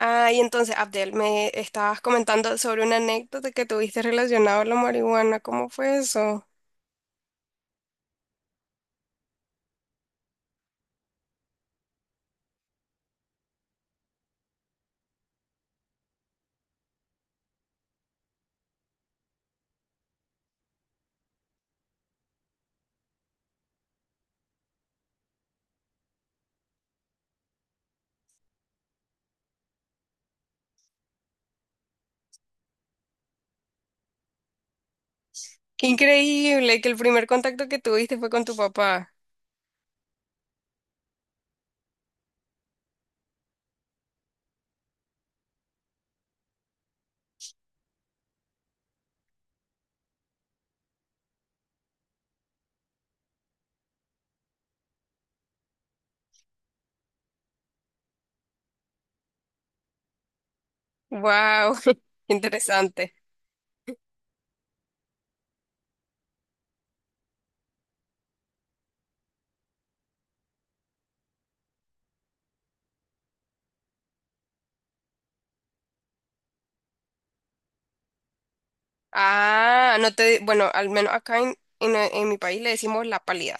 Ah, y entonces, Abdel, me estabas comentando sobre una anécdota que tuviste relacionada a la marihuana. ¿Cómo fue eso? Qué increíble que el primer contacto que tuviste fue con tu papá. Wow, interesante. Ah, no te, bueno, al menos acá en mi país le decimos la pálida.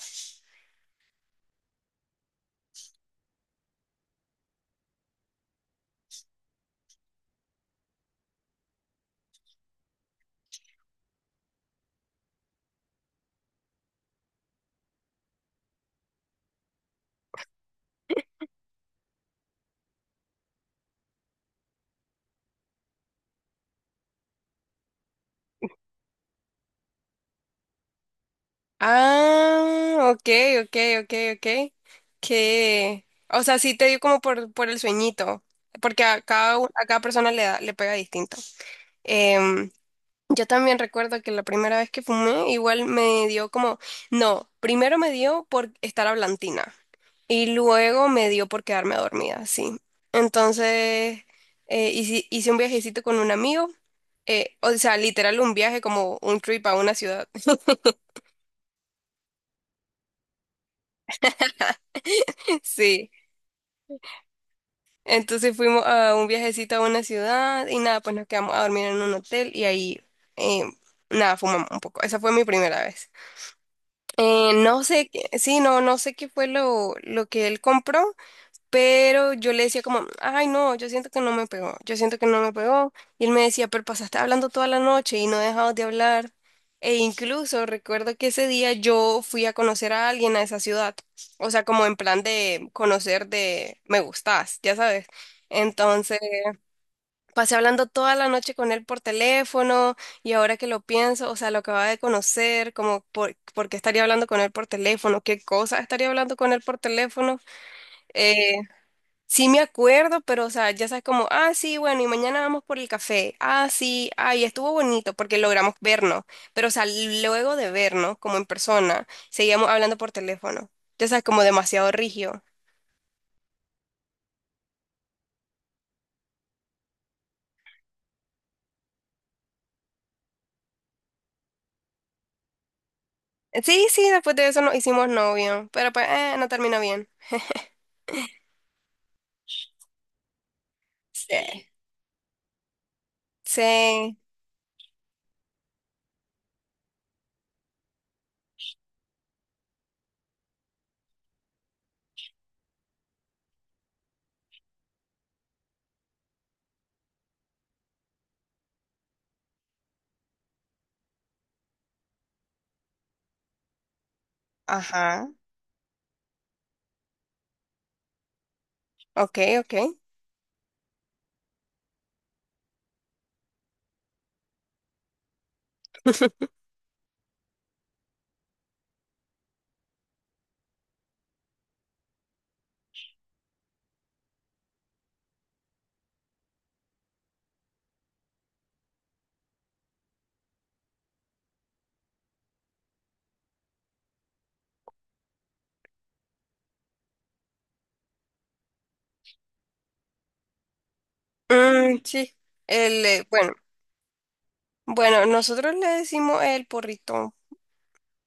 Ah, ok, ok, ok, ok. Que, o sea, sí te dio como por el sueñito, porque a cada, a cada persona le da, le pega distinto. Em, Yo también recuerdo que la primera vez que fumé, igual me dio como, no, primero me dio por estar hablantina y luego me dio por quedarme dormida, sí. Entonces, hice un viajecito con un amigo, o sea, literal un viaje como un trip a una ciudad. Sí. Entonces fuimos a un viajecito a una ciudad y nada, pues nos quedamos a dormir en un hotel y ahí, eh, nada, fumamos un poco. Esa fue mi primera vez. No sé, sí, no, no sé qué fue lo que él compró, pero yo le decía como, ay, no, yo siento que no me pegó, yo siento que no me pegó. Y él me decía, pero pasaste hablando toda la noche y no dejabas de hablar. E incluso recuerdo que ese día yo fui a conocer a alguien a esa ciudad, o sea, como en plan de conocer de me gustas, ya sabes. Entonces, pasé hablando toda la noche con él por teléfono y ahora que lo pienso, o sea, lo acababa de conocer, como por qué estaría hablando con él por teléfono, qué cosa estaría hablando con él por teléfono. Eh, sí me acuerdo, pero o sea, ya sabes como, ah, sí, bueno, y mañana vamos por el café. Ah, sí, ay, estuvo bonito porque logramos vernos, pero o sea, luego de vernos como en persona, seguíamos hablando por teléfono. Ya sabes, como demasiado rígido. Sí, sí, después de eso nos hicimos novio, pero pues no terminó bien. Sí. Sí. Ajá, ok, ok. Mm, sí, bueno, bueno, nosotros le decimos el porrito,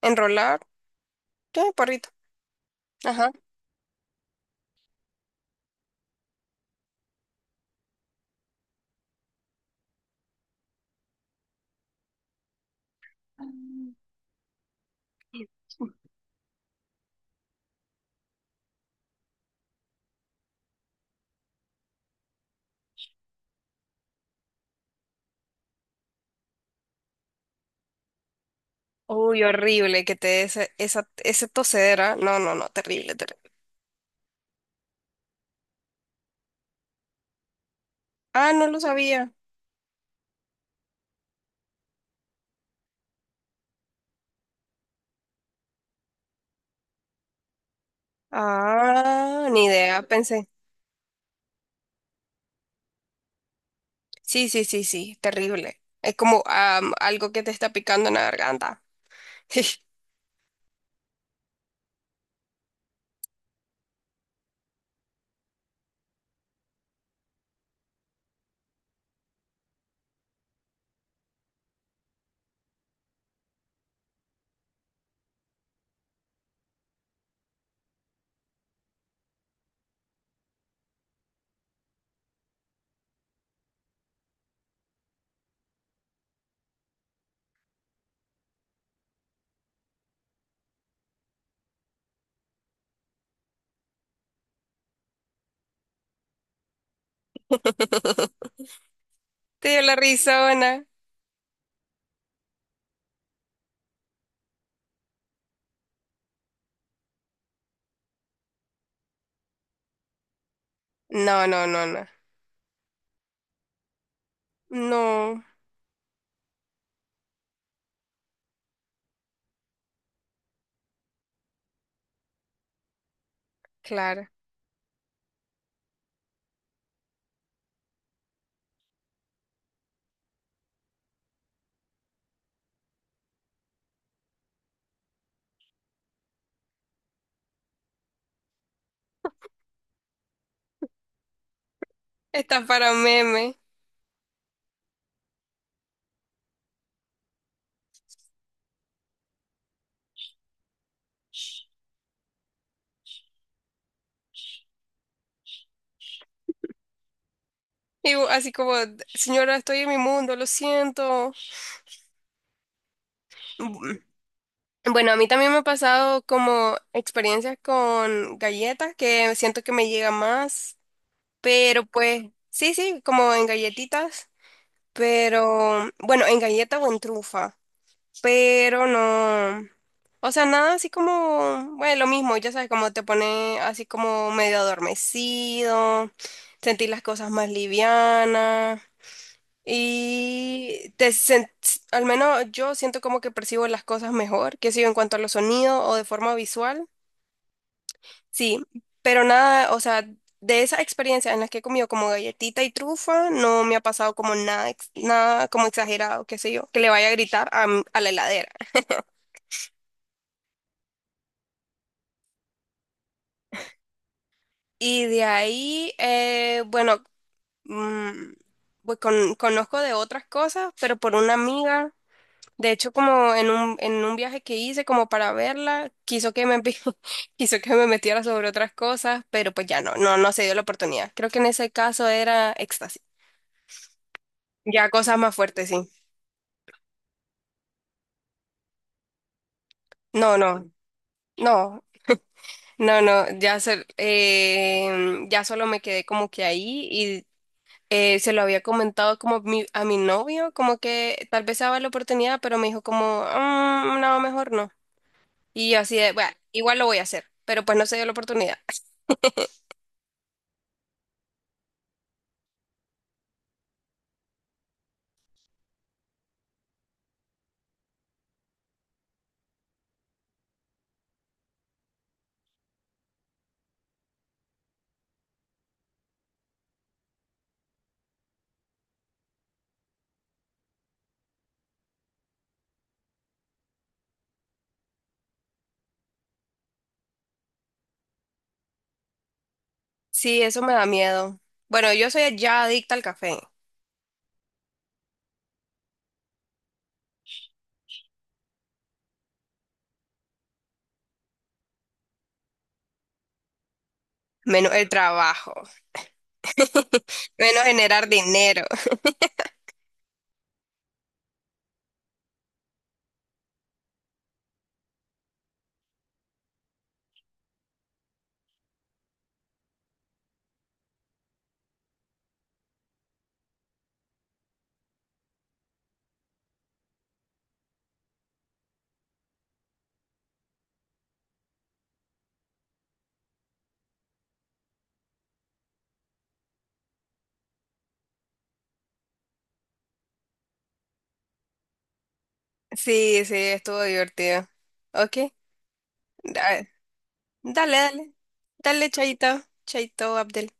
enrolar, sí, porrito, ajá. Uy, horrible que te dé esa, esa tosedera, no, no, no, terrible, terrible. Ah, no lo sabía. Ah, ni idea, pensé. Sí, sí, sí, sí, terrible. Es como algo que te está picando en la garganta. Te dio la risa. No, no, no, no. No, claro. Está para meme. Y así como, señora, estoy en mi mundo, lo siento. Bu- Bueno, a mí también me ha pasado como experiencias con galletas que siento que me llega más, pero pues sí, sí, como en galletitas, pero bueno, en galleta o en trufa, pero no. O sea, nada así como, bueno, lo mismo, ya sabes, como te pone así como medio adormecido, sentir las cosas más livianas. Y al menos yo siento como que percibo las cosas mejor, que sé yo, en cuanto a los sonidos o de forma visual. Sí, pero nada, o sea, de esas experiencias en las que he comido como galletita y trufa, no me ha pasado como nada, nada como exagerado, qué sé yo, que le vaya a gritar a, a la heladera. Y de ahí, bueno, mm, pues conozco de otras cosas, pero por una amiga. De hecho, como en un viaje que hice como para verla, quiso quiso que me metiera sobre otras cosas, pero pues ya no, no, no se dio la oportunidad. Creo que en ese caso era éxtasis. Ya cosas más fuertes, sí. No, no, no, no, no, ya, ya solo me quedé como que ahí y se lo había comentado como a mi novio, como que tal vez se daba la oportunidad, pero me dijo como, "Mm, no, mejor no." Y yo así de, bueno, igual lo voy a hacer, pero pues no se dio la oportunidad. Sí, eso me da miedo. Bueno, yo soy ya adicta al café. Menos el trabajo, menos generar dinero. Sí, sí, estuvo divertido. Ok, da- dale, dale. Dale, Chaito, Chaito, Abdel.